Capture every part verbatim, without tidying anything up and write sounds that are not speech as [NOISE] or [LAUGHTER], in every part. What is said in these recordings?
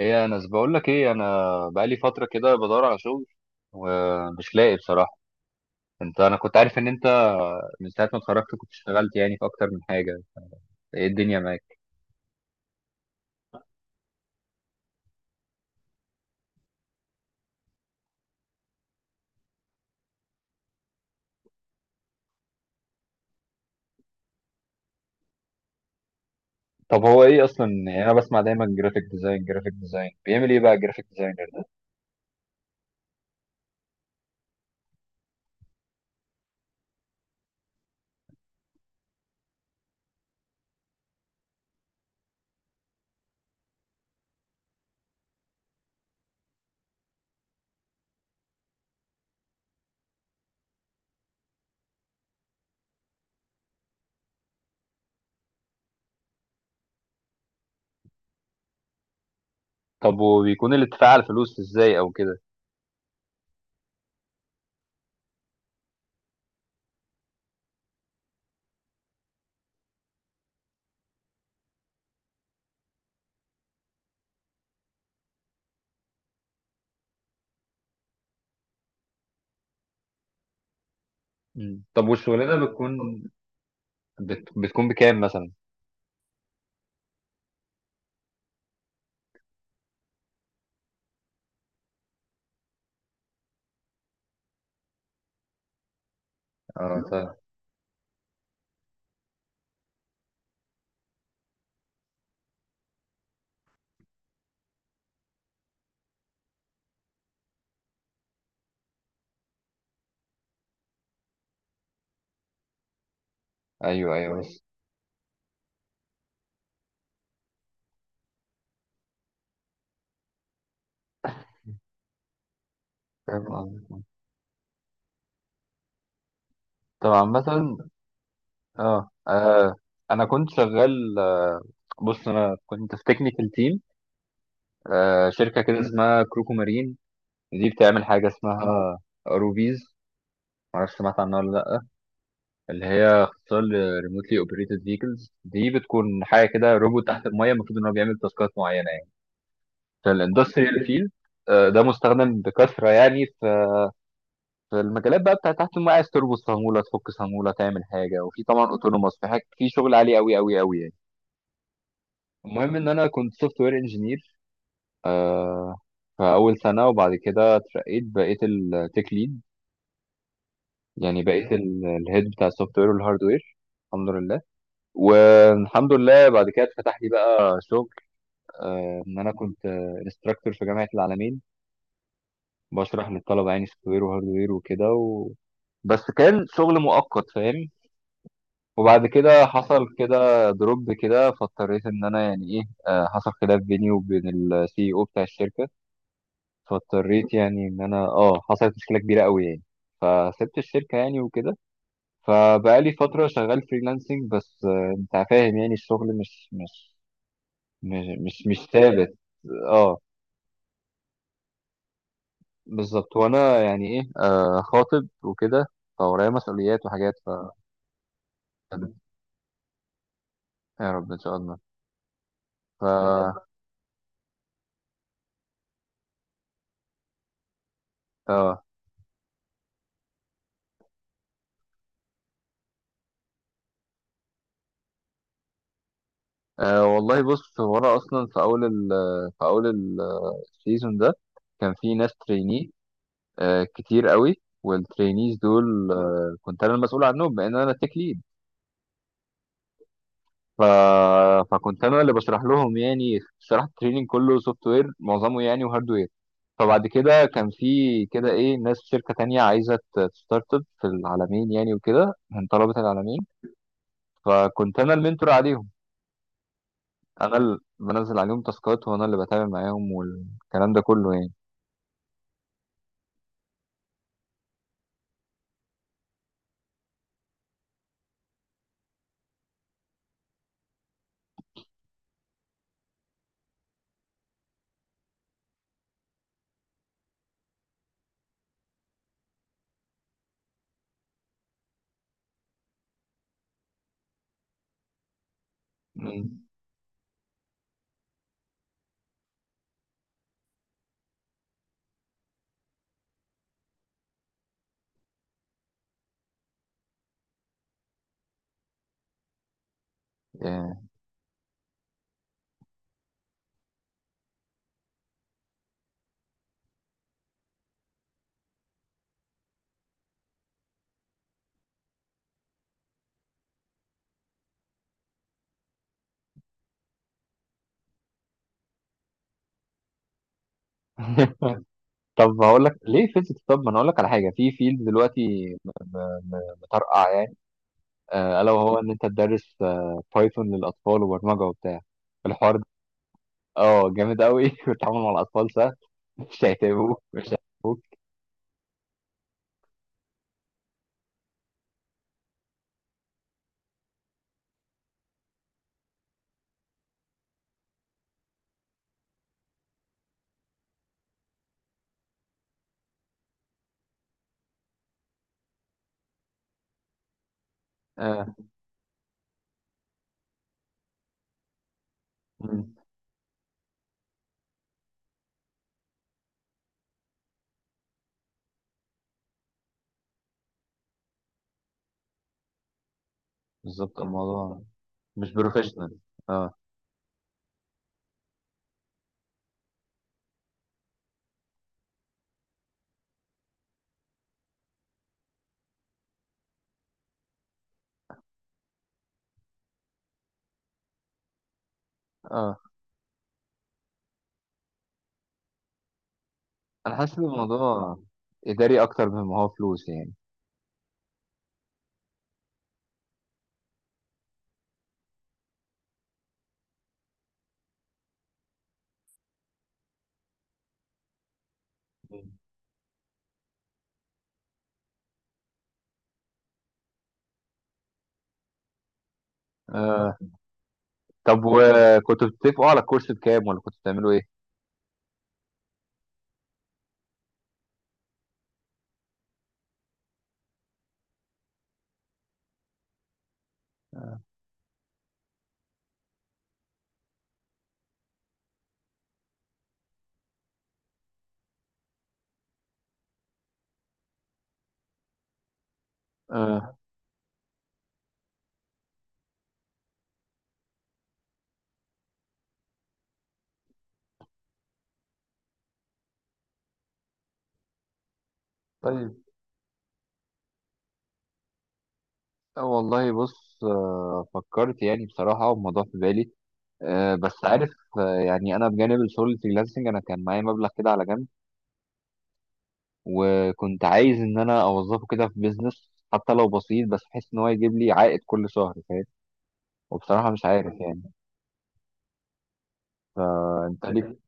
ايه، انا بقول لك ايه. انا بقالي فتره كده بدور على شغل ومش لاقي بصراحه. انت، انا كنت عارف ان انت من ساعه ما اتخرجت كنت اشتغلت يعني في اكتر من حاجه. ايه الدنيا معاك؟ طب هو ايه اصلا؟ يعني انا بسمع دايما جرافيك ديزاين جرافيك ديزاين. بيعمل ايه بقى الجرافيك ديزاينر ده؟ طب وبيكون الاتفاق على الفلوس ازاي او كده؟ مم. طب والشغلانه بتكون، بت... بتكون بكام مثلا؟ اه فاهم. ايوه ايوه، بس فاهم قصدك. طبعا مثلا اه آه، انا كنت شغال، آه، بص انا كنت في تكنيكال تيم، آه، شركة كده اسمها كروكو مارين. دي بتعمل حاجة اسمها روبيز، معرفش سمعت عنها ولا لأ. اللي هي اختصار ريموتلي اوبريتد فيكلز. دي بتكون حاجة كده روبوت تحت المية، المفروض إن هو بيعمل تاسكات معينة يعني. فالاندستريال فيلد ده مستخدم بكثرة، يعني في في المجالات بقى بتاعت تحت المية، عايز تربط صامولة، تفك صامولة، تعمل حاجة. وفي طبعا اوتونوماس، في حاجة في شغل عالي أوي أوي أوي يعني. المهم إن أنا كنت سوفت وير انجينير في أول سنة، وبعد كده اترقيت بقيت التك ليد. يعني بقيت ال- الهيد بتاع السوفت وير والهاردوير، الحمد لله. والحمد لله بعد كده اتفتح لي بقى شغل، آه، ان انا كنت انستراكتور في جامعه العالمين. بشرح للطلبه يعني سوفت وير وهاردوير وكده و... بس كان شغل مؤقت، فاهم. وبعد كده حصل كده دروب كده، فاضطريت ان انا يعني ايه، آه، حصل خلاف بيني وبين السي او بتاع الشركه. فاضطريت يعني، ان انا اه حصلت مشكله كبيره قوي يعني، فسبت الشركه يعني وكده. فبقالي فترة شغال فريلانسنج بس. آه، انت فاهم يعني الشغل مش مش مش مش, مش ثابت. اه بالظبط. وانا يعني ايه، آه خاطب وكده، فورايا مسؤوليات وحاجات ف... يا رب ان شاء الله. ف اه آه، والله بص، هو انا اصلا في اول ال في اول السيزون ده كان في ناس تريني آه كتير قوي. والترينيز دول، آه، كنت انا المسؤول عنهم بان انا تك ليد. ف... فكنت انا اللي بشرح لهم يعني. شرحت التريننج كله سوفت وير معظمه يعني وهاردوير. فبعد كده كان في كده ايه، ناس في شركه تانية عايزه تستارت اب في العالمين يعني، وكده من طلبه العالمين. فكنت انا المنتور عليهم، انا اللي بنزل عليهم تاسكات وانا اللي بتابع معاهم والكلام ده كله يعني. مم. يعني [LAUGHS] طب هقول لك ليه فيزيكس. طب ما انا هقول لك على حاجه في فيلد دلوقتي م- م- م- مطرقع، آه، الا وهو ان انت تدرس، آه، بايثون للاطفال وبرمجه وبتاع الحوار ده. اه جامد قوي [LAUGHS] والتعامل مع الاطفال سهل، مش هيتعبوك مش هيتعبوك. اه. مم. بالظبط، الموضوع مش بروفيشنال. اه اه. انا حاسس ان الموضوع اداري اكتر مما هو فلوس يعني. مم. آه. طب وكنتوا بتتفقوا على الكورس بكام، ولا كنتوا بتعملوا ايه؟ آه. طيب، آه والله بص، آه فكرت يعني بصراحة، والموضوع في بالي، آه، بس عارف، آه، يعني انا بجانب الشغل الفريلانسنج انا كان معايا مبلغ كده على جنب، وكنت عايز ان انا اوظفه كده في بيزنس حتى لو بسيط، بس بحيث ان هو يجيب لي عائد كل شهر، فاهم. وبصراحه مش عارف يعني. فانت ليك؟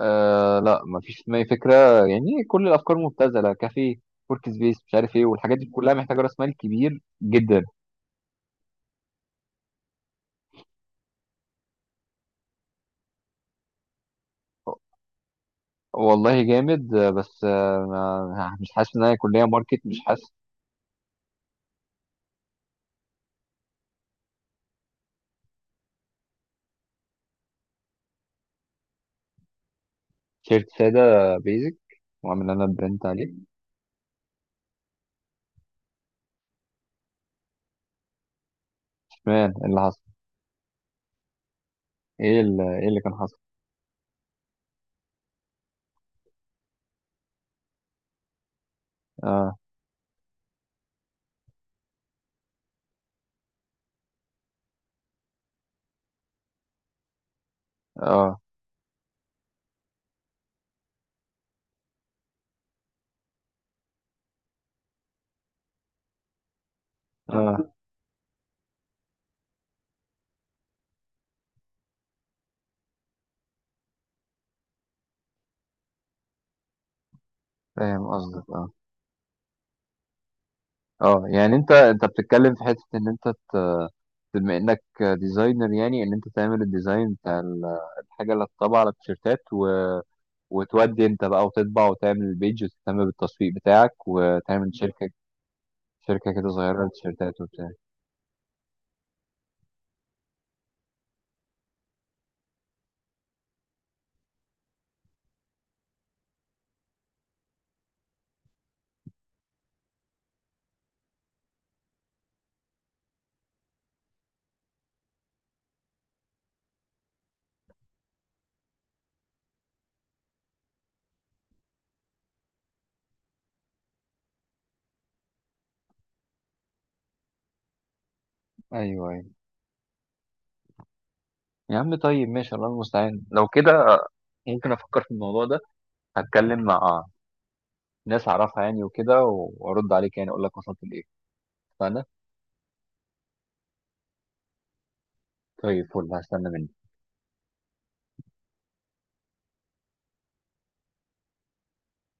آه لا، مفيش في دماغي فكره. يعني كل الافكار مبتذله: كافيه، ورك سبيس، مش عارف ايه، والحاجات دي كلها محتاجه راس مال كبير جدا. والله جامد، آه، بس، آه، ما- مش حاسس ان انا كليه ماركت، مش حاسس. تيشيرت ساده بيزك واعمل انا برنت عليه. مان اللي حصل، ايه اللي ايه اللي كان حصل؟ اه اه اه فاهم قصدك. اه اه يعني انت، انت بتتكلم في حته ان انت، بما انك ديزاينر، يعني ان انت تعمل الديزاين بتاع ال- الحاجه اللي هتطبع على التيشيرتات و... وتودي انت بقى وتطبع، وتعمل البيج وتهتم بالتسويق بتاعك، وتعمل شركه، شركه كده صغيره للتيشيرتات وبتاع. ايوه ايوه. يا عم طيب ماشي، الله المستعان. لو كده ممكن افكر في الموضوع ده، هتكلم مع ناس اعرفها يعني وكده، وارد عليك يعني اقول لك وصلت لايه. اتفقنا؟ طيب، فل هستنى منك.